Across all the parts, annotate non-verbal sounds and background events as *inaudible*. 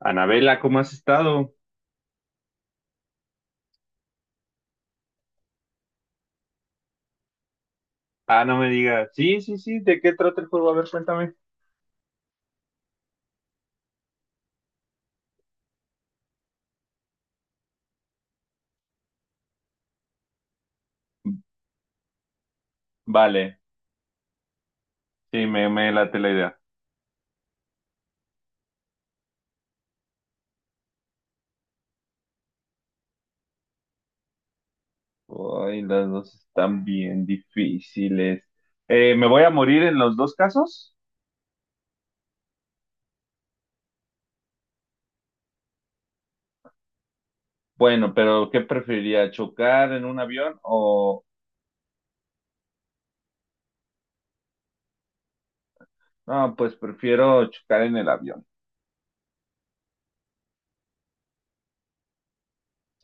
Anabela, ¿cómo has estado? Ah, no me digas. Sí, sí, sí, ¿de qué trata el juego? A ver, cuéntame. Vale, sí, me late la idea. Ay, las dos están bien difíciles. ¿Me voy a morir en los dos casos? Bueno, pero ¿qué preferiría? ¿Chocar en un avión o? No, pues prefiero chocar en el avión.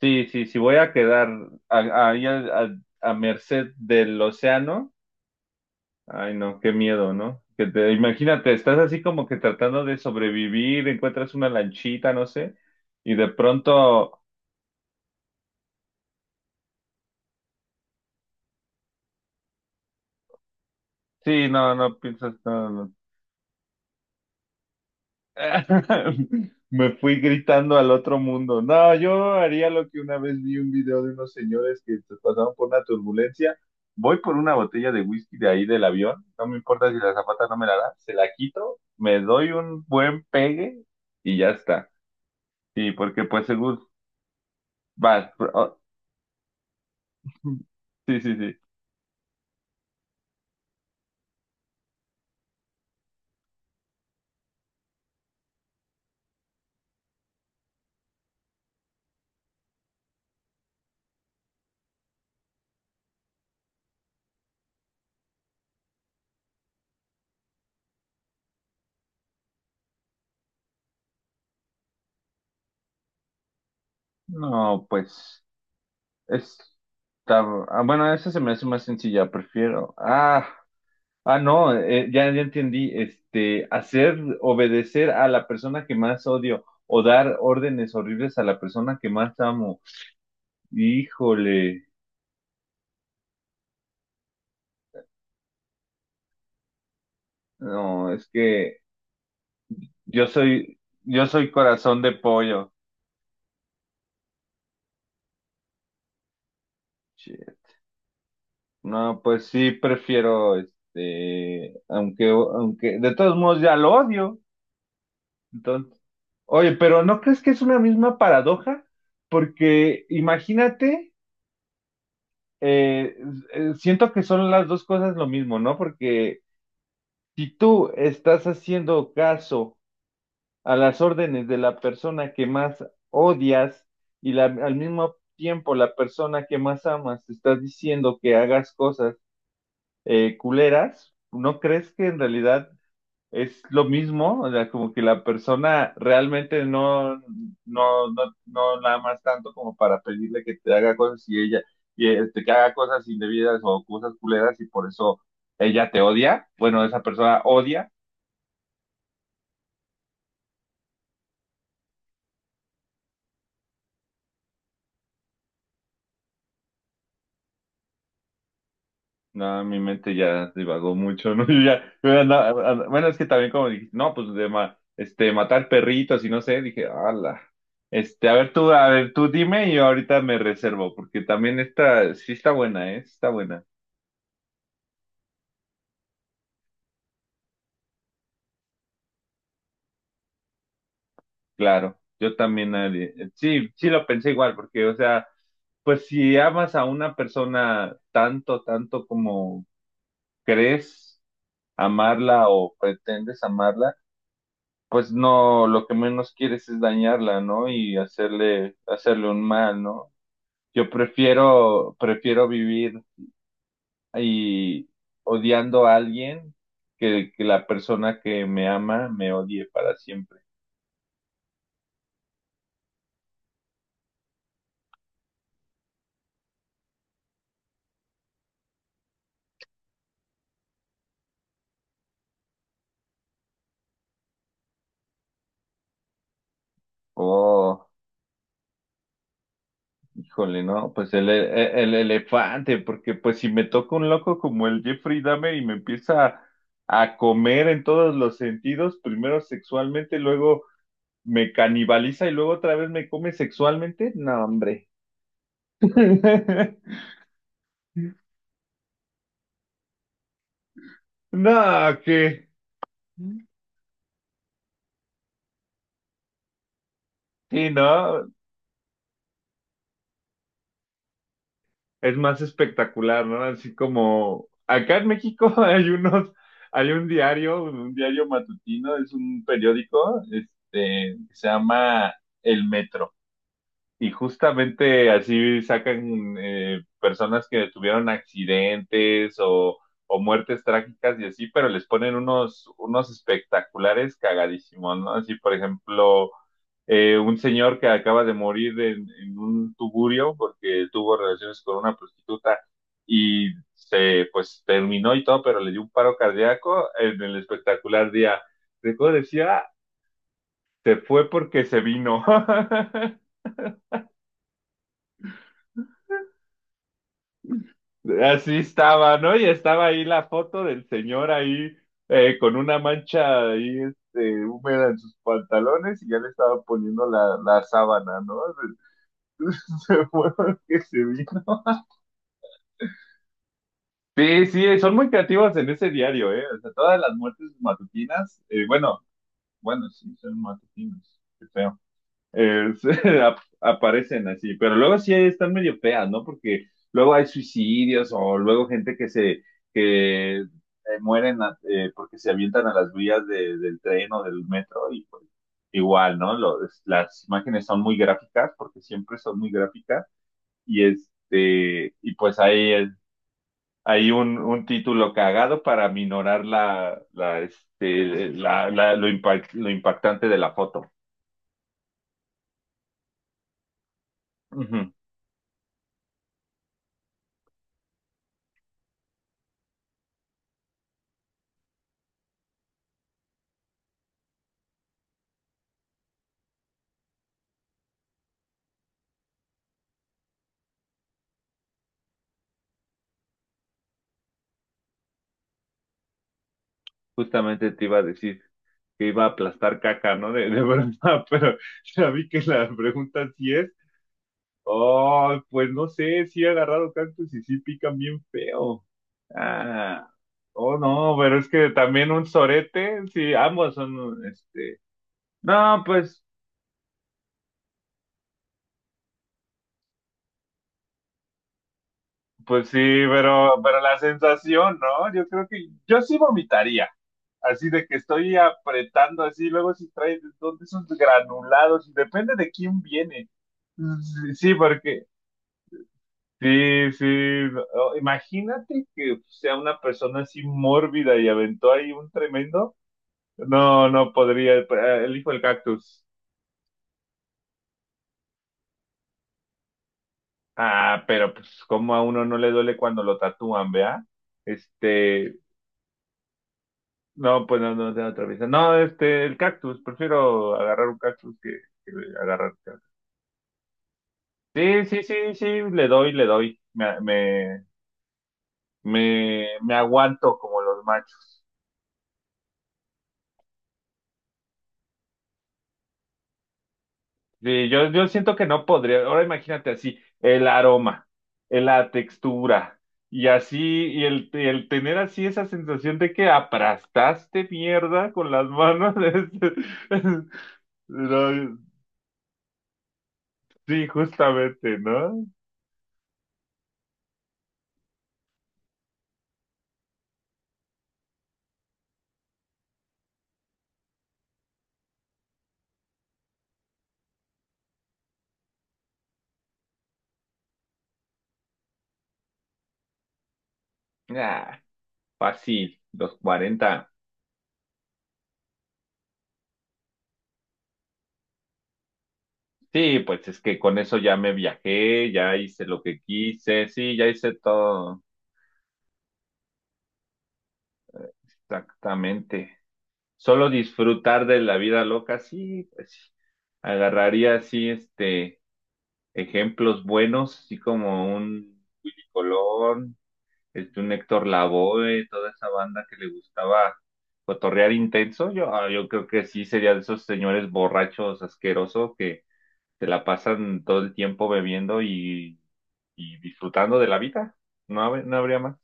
Sí, sí, sí, voy a quedar ahí a, a merced del océano. Ay, no, qué miedo, ¿no? Que te, imagínate, estás así como que tratando de sobrevivir, encuentras una lanchita, no sé, y de pronto, sí, no, no piensas, no, no. *laughs* Me fui gritando al otro mundo. No, yo haría lo que una vez vi un video de unos señores que se pasaron por una turbulencia. Voy por una botella de whisky de ahí del avión, no me importa si la zapata no me la da, se la quito, me doy un buen pegue y ya está. Sí, porque pues según vas. Sí, sí, sí. No, pues está. Ah, bueno, esa se me hace más sencilla, prefiero. No, ya entendí. Este, hacer obedecer a la persona que más odio o dar órdenes horribles a la persona que más amo. Híjole, no, es que yo soy, yo soy corazón de pollo. Shit. No, pues sí, prefiero, este, aunque de todos modos ya lo odio. Entonces, oye, pero ¿no crees que es una misma paradoja? Porque imagínate, eh, siento que son las dos cosas lo mismo, ¿no? Porque si tú estás haciendo caso a las órdenes de la persona que más odias y al mismo tiempo la persona que más amas te está diciendo que hagas cosas culeras, ¿no crees que en realidad es lo mismo? O sea, como que la persona realmente no, no, no la amas tanto como para pedirle que te haga cosas y este, que haga cosas indebidas o cosas culeras y por eso ella te odia, bueno, esa persona odia. No, mi mente ya divagó mucho, ¿no? *laughs* Yo ya, yo andaba- and- bueno, es que también como dije, no, pues este, matar perritos y no sé, dije, ala. Este, a ver tú dime y yo ahorita me reservo, porque también esta, sí está buena, ¿eh? Sí, está buena. Claro, yo también, sí, sí lo pensé igual, porque, o sea, pues si amas a una persona tanto como crees amarla o pretendes amarla, pues no, lo que menos quieres es dañarla, ¿no? Y hacerle un mal, ¿no? Yo prefiero vivir y odiando a alguien que la persona que me ama me odie para siempre. Oh. Híjole, no, pues el elefante, porque pues si me toca un loco como el Jeffrey Dahmer y me empieza a comer en todos los sentidos, primero sexualmente, luego me canibaliza y luego otra vez me come sexualmente, no, hombre. *laughs* No, que sí, ¿no? Es más espectacular, ¿no? Así como acá en México *laughs* hay un diario matutino, es un periódico, este, que se llama El Metro. Y justamente así sacan personas que tuvieron accidentes o muertes trágicas y así, pero les ponen unos espectaculares cagadísimos, ¿no? Así, por ejemplo, un señor que acaba de morir en un tugurio porque tuvo relaciones con una prostituta y se, pues, terminó y todo, pero le dio un paro cardíaco en el espectacular día. Recuerdo decía, se fue porque se vino. *laughs* Así estaba, ¿no? Y estaba ahí la foto del señor ahí con una mancha ahí este, húmeda en sus pantalones y ya le estaba poniendo la sábana, ¿no? *laughs* Se fue que se vino. Sí, sí, son muy creativos en ese diario, ¿eh? O sea, todas las muertes matutinas, bueno, bueno, sí, son matutinas, qué feo. es- *laughs* aparecen así, pero luego sí están medio feas, ¿no? Porque luego hay suicidios o luego gente que se, que porque se avientan a las vías del tren o del metro y pues igual, ¿no? Lo- es- las imágenes son muy gráficas porque siempre son muy gráficas y este, y pues ahí hay un título cagado para minorar este, lo impactante de la foto. Ujú. Justamente te iba a decir que iba a aplastar caca, ¿no? De verdad, *laughs* pero ya vi que la pregunta sí es. Oh, pues no sé, sí he agarrado cactus y sí pican bien feo. Ah, oh, no, pero es que también un sorete, sí, ambos son, este, no, pues, pues sí, pero la sensación, ¿no? Yo creo que yo sí vomitaría, así de que estoy apretando así, luego si traes, ¿dónde esos granulados? Depende de quién viene. Sí, porque sí, sí, imagínate que pues, sea una persona así mórbida y aventó ahí un tremendo. No, no podría, elijo el hijo del cactus. Ah, pero pues como a uno no le duele cuando lo tatúan, ¿vea? Este, no, pues no, no, de otra vez. No, este, el cactus, prefiero agarrar un cactus que agarrar un cactus. Sí, sí, sí, sí, le doy. Me aguanto como los machos. Sí, yo siento que no podría. Ahora imagínate así, el aroma, la textura, y así, y el tener así esa sensación de que aplastaste mierda con las manos. *laughs* Es- no, sí, justamente, ¿no? Ah, fácil, los 40. Sí, pues es que con eso ya me viajé, ya hice lo que quise, sí, ya hice todo. Exactamente. Solo disfrutar de la vida loca, sí, pues sí. Agarraría así, este, ejemplos buenos, así como un Willy Colón, este, un Héctor Lavoe, toda esa banda que le gustaba cotorrear intenso. Yo, ah, yo creo que sí sería de esos señores borrachos asquerosos que se la pasan todo el tiempo bebiendo y disfrutando de la vida. No, no habría más.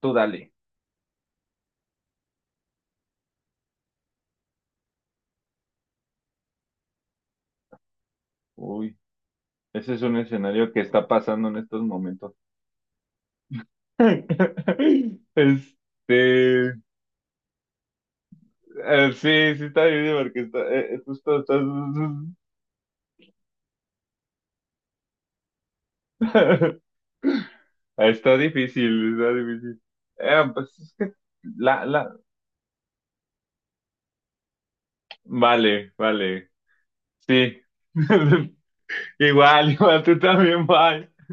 Tú dale. Uy, ese es un escenario que está pasando en estos momentos. *laughs* Este, eh, sí, sí está difícil porque está, justo está, *laughs* está difícil, está difícil. Pues es que la, la, vale, vale, sí. *laughs* Igual, igual, tú también, bye.